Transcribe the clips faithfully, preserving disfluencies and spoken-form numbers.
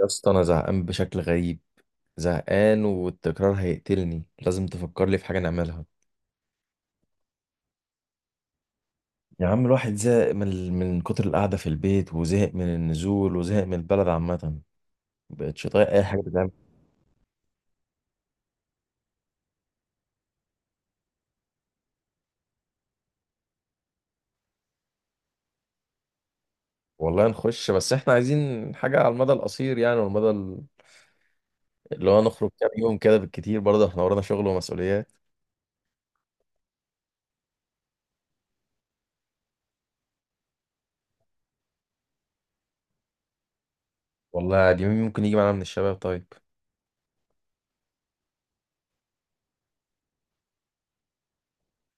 يا اسطى، انا زهقان بشكل غريب. زهقان، والتكرار هيقتلني. لازم تفكر لي في حاجه نعملها. يا عم، الواحد زهق من ال- من كتر القعده في البيت، وزهق من النزول، وزهق من البلد عامه. مبقتش طايق اي حاجه تتعمل. والله نخش، بس احنا عايزين حاجه على المدى القصير يعني، والمدى ال- اللي هو نخرج كام يوم كده بالكتير، برضه احنا ورانا شغل ومسؤوليات. والله، دي مين ممكن يجي معانا من الشباب طيب؟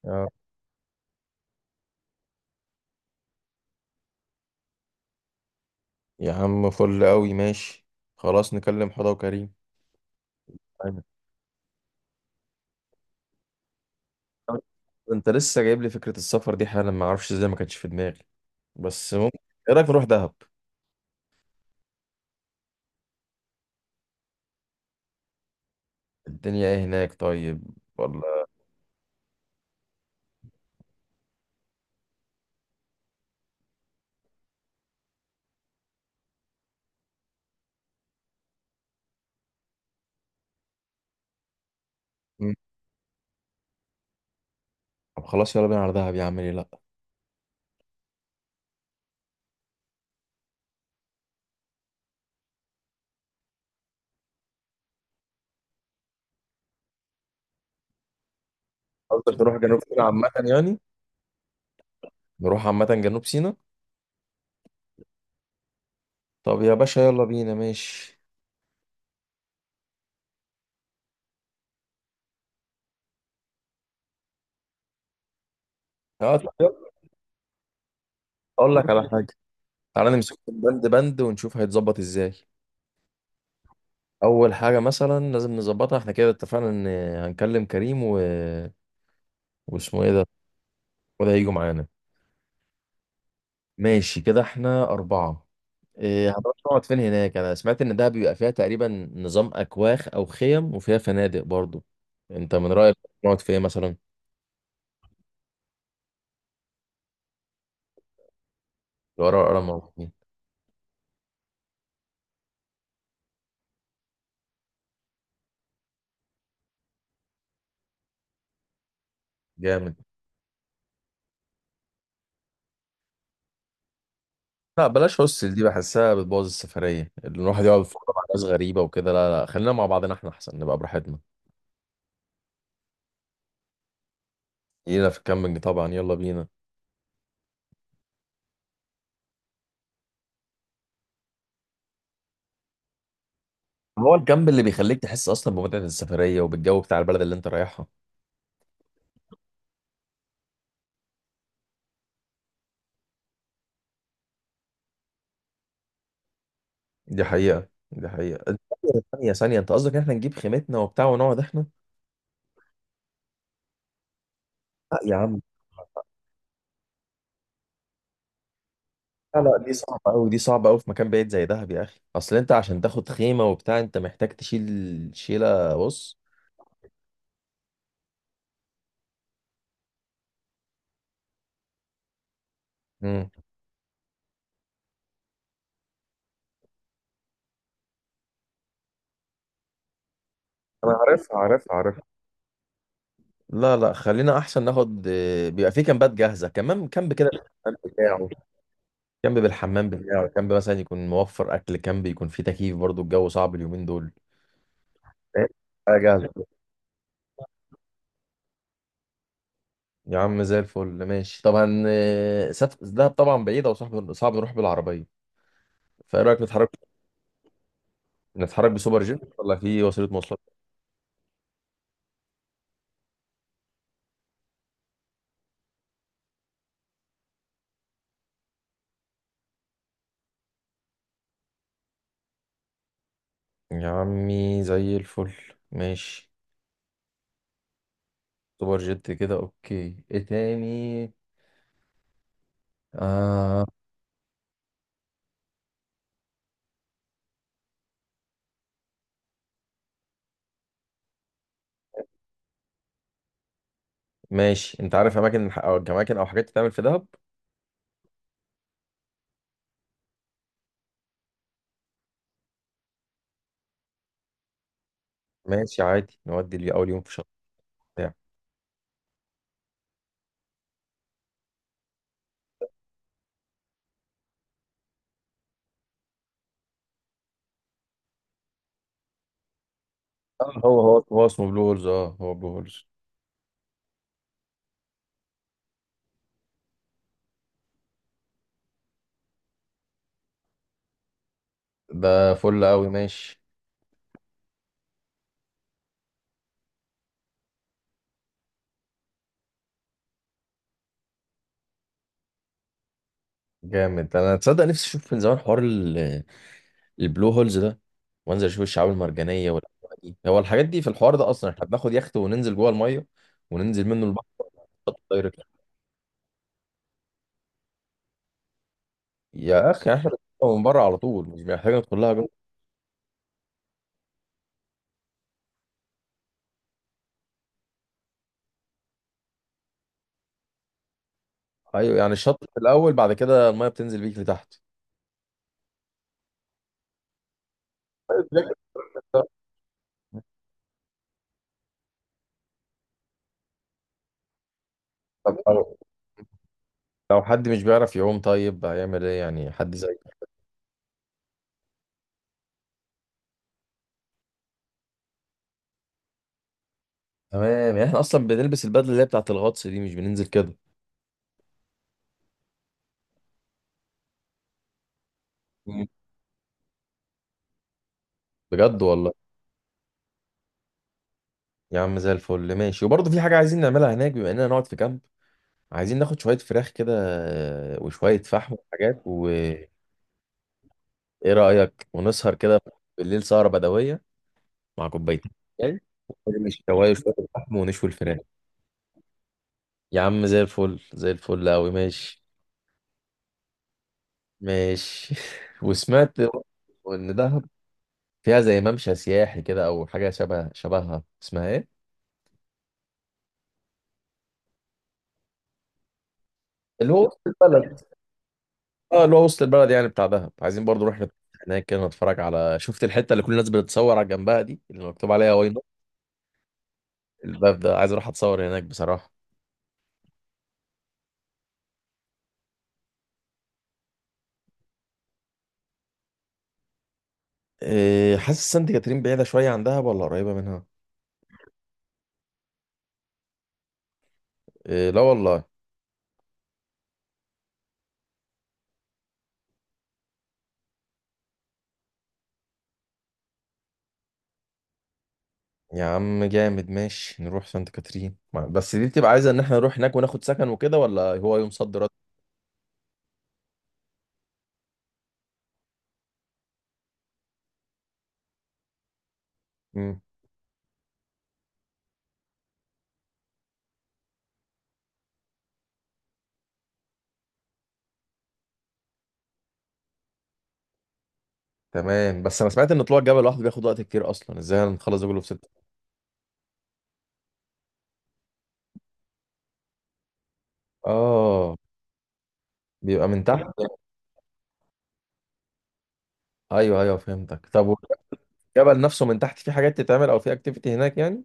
يا يا عم، فل قوي. ماشي. خلاص، نكلم حضا وكريم. طيب. انت لسه جايب لي فكرة السفر دي حالا، ما اعرفش ازاي ما كانتش في دماغي. بس ممكن. ايه رأيك نروح دهب؟ الدنيا ايه هناك طيب؟ ولا؟ مم. طب خلاص، يلا بينا على دهب يا عم، ليه لا؟ قصدك نروح جنوب سيناء عامة يعني؟ نروح عامة جنوب سيناء. طب يا باشا، يلا بينا. ماشي. اه، طب يلا. اقول لك على حاجة. تعالى نمسك بند بند ونشوف هيتظبط ازاي. اول حاجة مثلا لازم نظبطها، احنا كده اتفقنا ان هنكلم كريم و واسمه ايه ده؟ وده هيجوا معانا. ماشي كده، احنا أربعة. إيه، هنروح نقعد فين هناك؟ انا سمعت ان ده بيبقى فيها تقريبا نظام اكواخ او خيم، وفيها فنادق برضو. انت من رايك، نقعد فين مثلا؟ لو ورا ورا موجودين. جامد. لا، بلاش هوستل. دي بحسها بتبوظ السفريه، اللي الواحد يقعد في أوضة مع ناس غريبه وكده. لا لا، خلينا مع بعضنا احنا احسن نبقى براحتنا. لينا في الكامبينج طبعا، يلا بينا. هو الكامب اللي بيخليك تحس اصلا بمتعه السفريه وبالجو بتاع البلد اللي انت رايحها. دي حقيقه، دي حقيقه ثانيه. ثانيه ثانية، انت قصدك ان احنا نجيب خيمتنا وبتاع ونقعد احنا؟ لا يا عم. لا لا، دي صعبة أوي. دي صعبة أوي في مكان بعيد زي دهب يا أخي. أصل أنت عشان تاخد خيمة وبتاع أنت محتاج تشيل شيلة. بص. مم. انا عارفها عارفها عارفها. لا لا، خلينا أحسن ناخد، آه، بيبقى في كامبات جاهزة كمان. كامب كده الكلام بتاعه، كامب بالحمام بتاعه، كامب مثلا يكون موفر أكل، كامب يكون فيه تكييف. برضو الجو صعب اليومين دول. إيه؟ حاجه جاهزه. يا عم زي الفل. ماشي طبعا. آه، سف... دهب طبعا بعيدة، وصعب صعب نروح بالعربية. فإيه رأيك نتحرك؟ نتحرك بسوبر جيت ولا في وسيلة مواصلات؟ يا عمي زي الفل. ماشي. سوبر جيت كده اوكي. ايه تاني؟ آه. ماشي. انت عارف اماكن، او اماكن او حاجات تتعمل في دهب؟ ماشي عادي، نودي لي اول يوم في شط بتاع، آه، هو هو هو اسمه بلو هولز. اه، هو بلو هولز. ده فل قوي. ماشي. جامد. انا تصدق نفسي اشوف من زمان حوار ال- البلو هولز ده، وانزل اشوف الشعاب المرجانيه والأجواء دي. هو الحاجات دي في الحوار ده اصلا؟ احنا بناخد يخت وننزل جوه الميه، وننزل منه البحر؟ يا اخي احنا بنشربها من بره على طول، مش محتاج ندخل لها جوه. ايوه، يعني الشط في الاول، بعد كده الميه بتنزل بيك لتحت. طيب ليه كده؟ طب لو لو حد مش بيعرف يعوم طيب هيعمل ايه يعني؟ حد زي. تمام، يعني احنا اصلا بنلبس البدله اللي هي بتاعت الغطس دي، مش بننزل كده؟ مم. بجد والله. يا عم زي الفل. ماشي، وبرضه في حاجه عايزين نعملها هناك بما اننا نقعد في كامب. عايزين ناخد شويه فراخ كده، وشويه فحم وحاجات، وايه رايك ونسهر كده بالليل سهره بدويه، مع كوباية شاي؟ ماشي، شوية شوية اللحم ونشوي الفراخ. يا عم زي الفل زي الفل أوي. ماشي. ماشي. وسمعت إن دهب فيها زي ممشى سياحي كده أو حاجة شبه شبهها، اسمها إيه؟ اللي هو وسط البلد. اه، اللي هو وسط البلد يعني بتاع دهب. عايزين برضو نروح نت- هناك كده نتفرج. على، شفت الحتة اللي كل الناس بتتصور على جنبها دي، اللي مكتوب عليها واي نوت؟ الباب ده، عايز أروح أتصور هناك بصراحة. إيه حاسس سانت كاترين بعيدة شوية عن دهب ولا قريبة منها؟ إيه؟ لا والله. يا عم جامد. ماشي، نروح سانت كاترين. ما- بس دي بتبقى عايزة ان احنا نروح هناك وناخد سكن وكده، ولا هو يوم صد رد؟ مم. تمام، بس انا سمعت ان طلوع الجبل لوحده بياخد وقت كتير. اصلا ازاي هنخلص ده كله في ستة؟ اه، بيبقى من تحت. ايوه ايوه، فهمتك. طب، والجبل نفسه من تحت في حاجات تتعمل، او في اكتيفيتي هناك يعني؟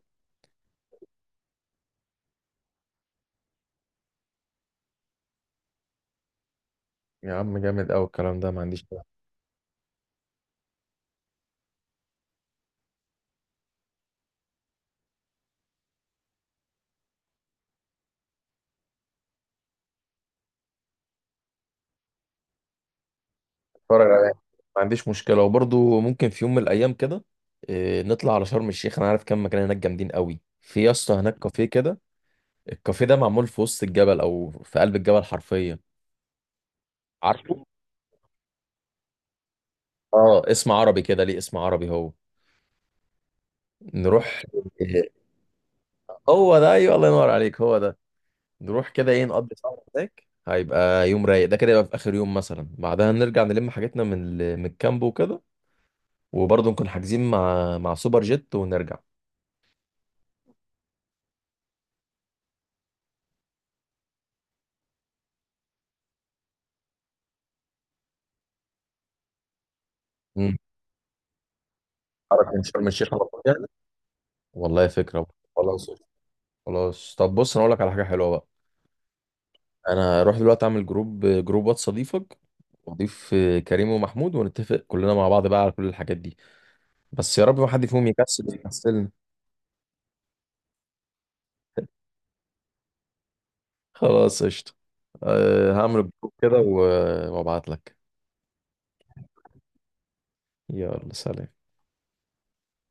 يا عم جامد قوي الكلام ده. ما عنديش، اتفرج عليه، ما عنديش مشكلة. وبرضه ممكن في يوم من الايام كده، إيه، نطلع على شرم الشيخ. انا عارف كام مكان هناك جامدين قوي. في يا اسطى هناك كافيه كده، الكافيه ده معمول في وسط الجبل، او في قلب الجبل حرفيا. عارفه. اه، اسم عربي كده، ليه اسم عربي هو؟ نروح. آه، هو ده. ايوه، الله ينور عليك، هو ده. نروح كده، ايه، نقضي سهرة هناك، هيبقى يوم رايق ده كده. يبقى في اخر يوم مثلا بعدها نرجع نلم حاجتنا من ال... من الكامب وكده. وبرضه نكون حاجزين مع مع سوبر جيت ونرجع. امم. حركة من شرم الشيخ على طول يعني؟ والله، فكرة. خلاص. خلاص، طب بص، انا اقول لك على حاجة حلوة بقى. انا هروح دلوقتي اعمل جروب جروب واتس، اضيفك واضيف كريم ومحمود، ونتفق كلنا مع بعض بقى على كل الحاجات دي. بس يا رب ما حد فيهم يكسل يكسلني. خلاص قشطة. أه، هعمل الجروب كده و- وابعت لك. يلا، سلام.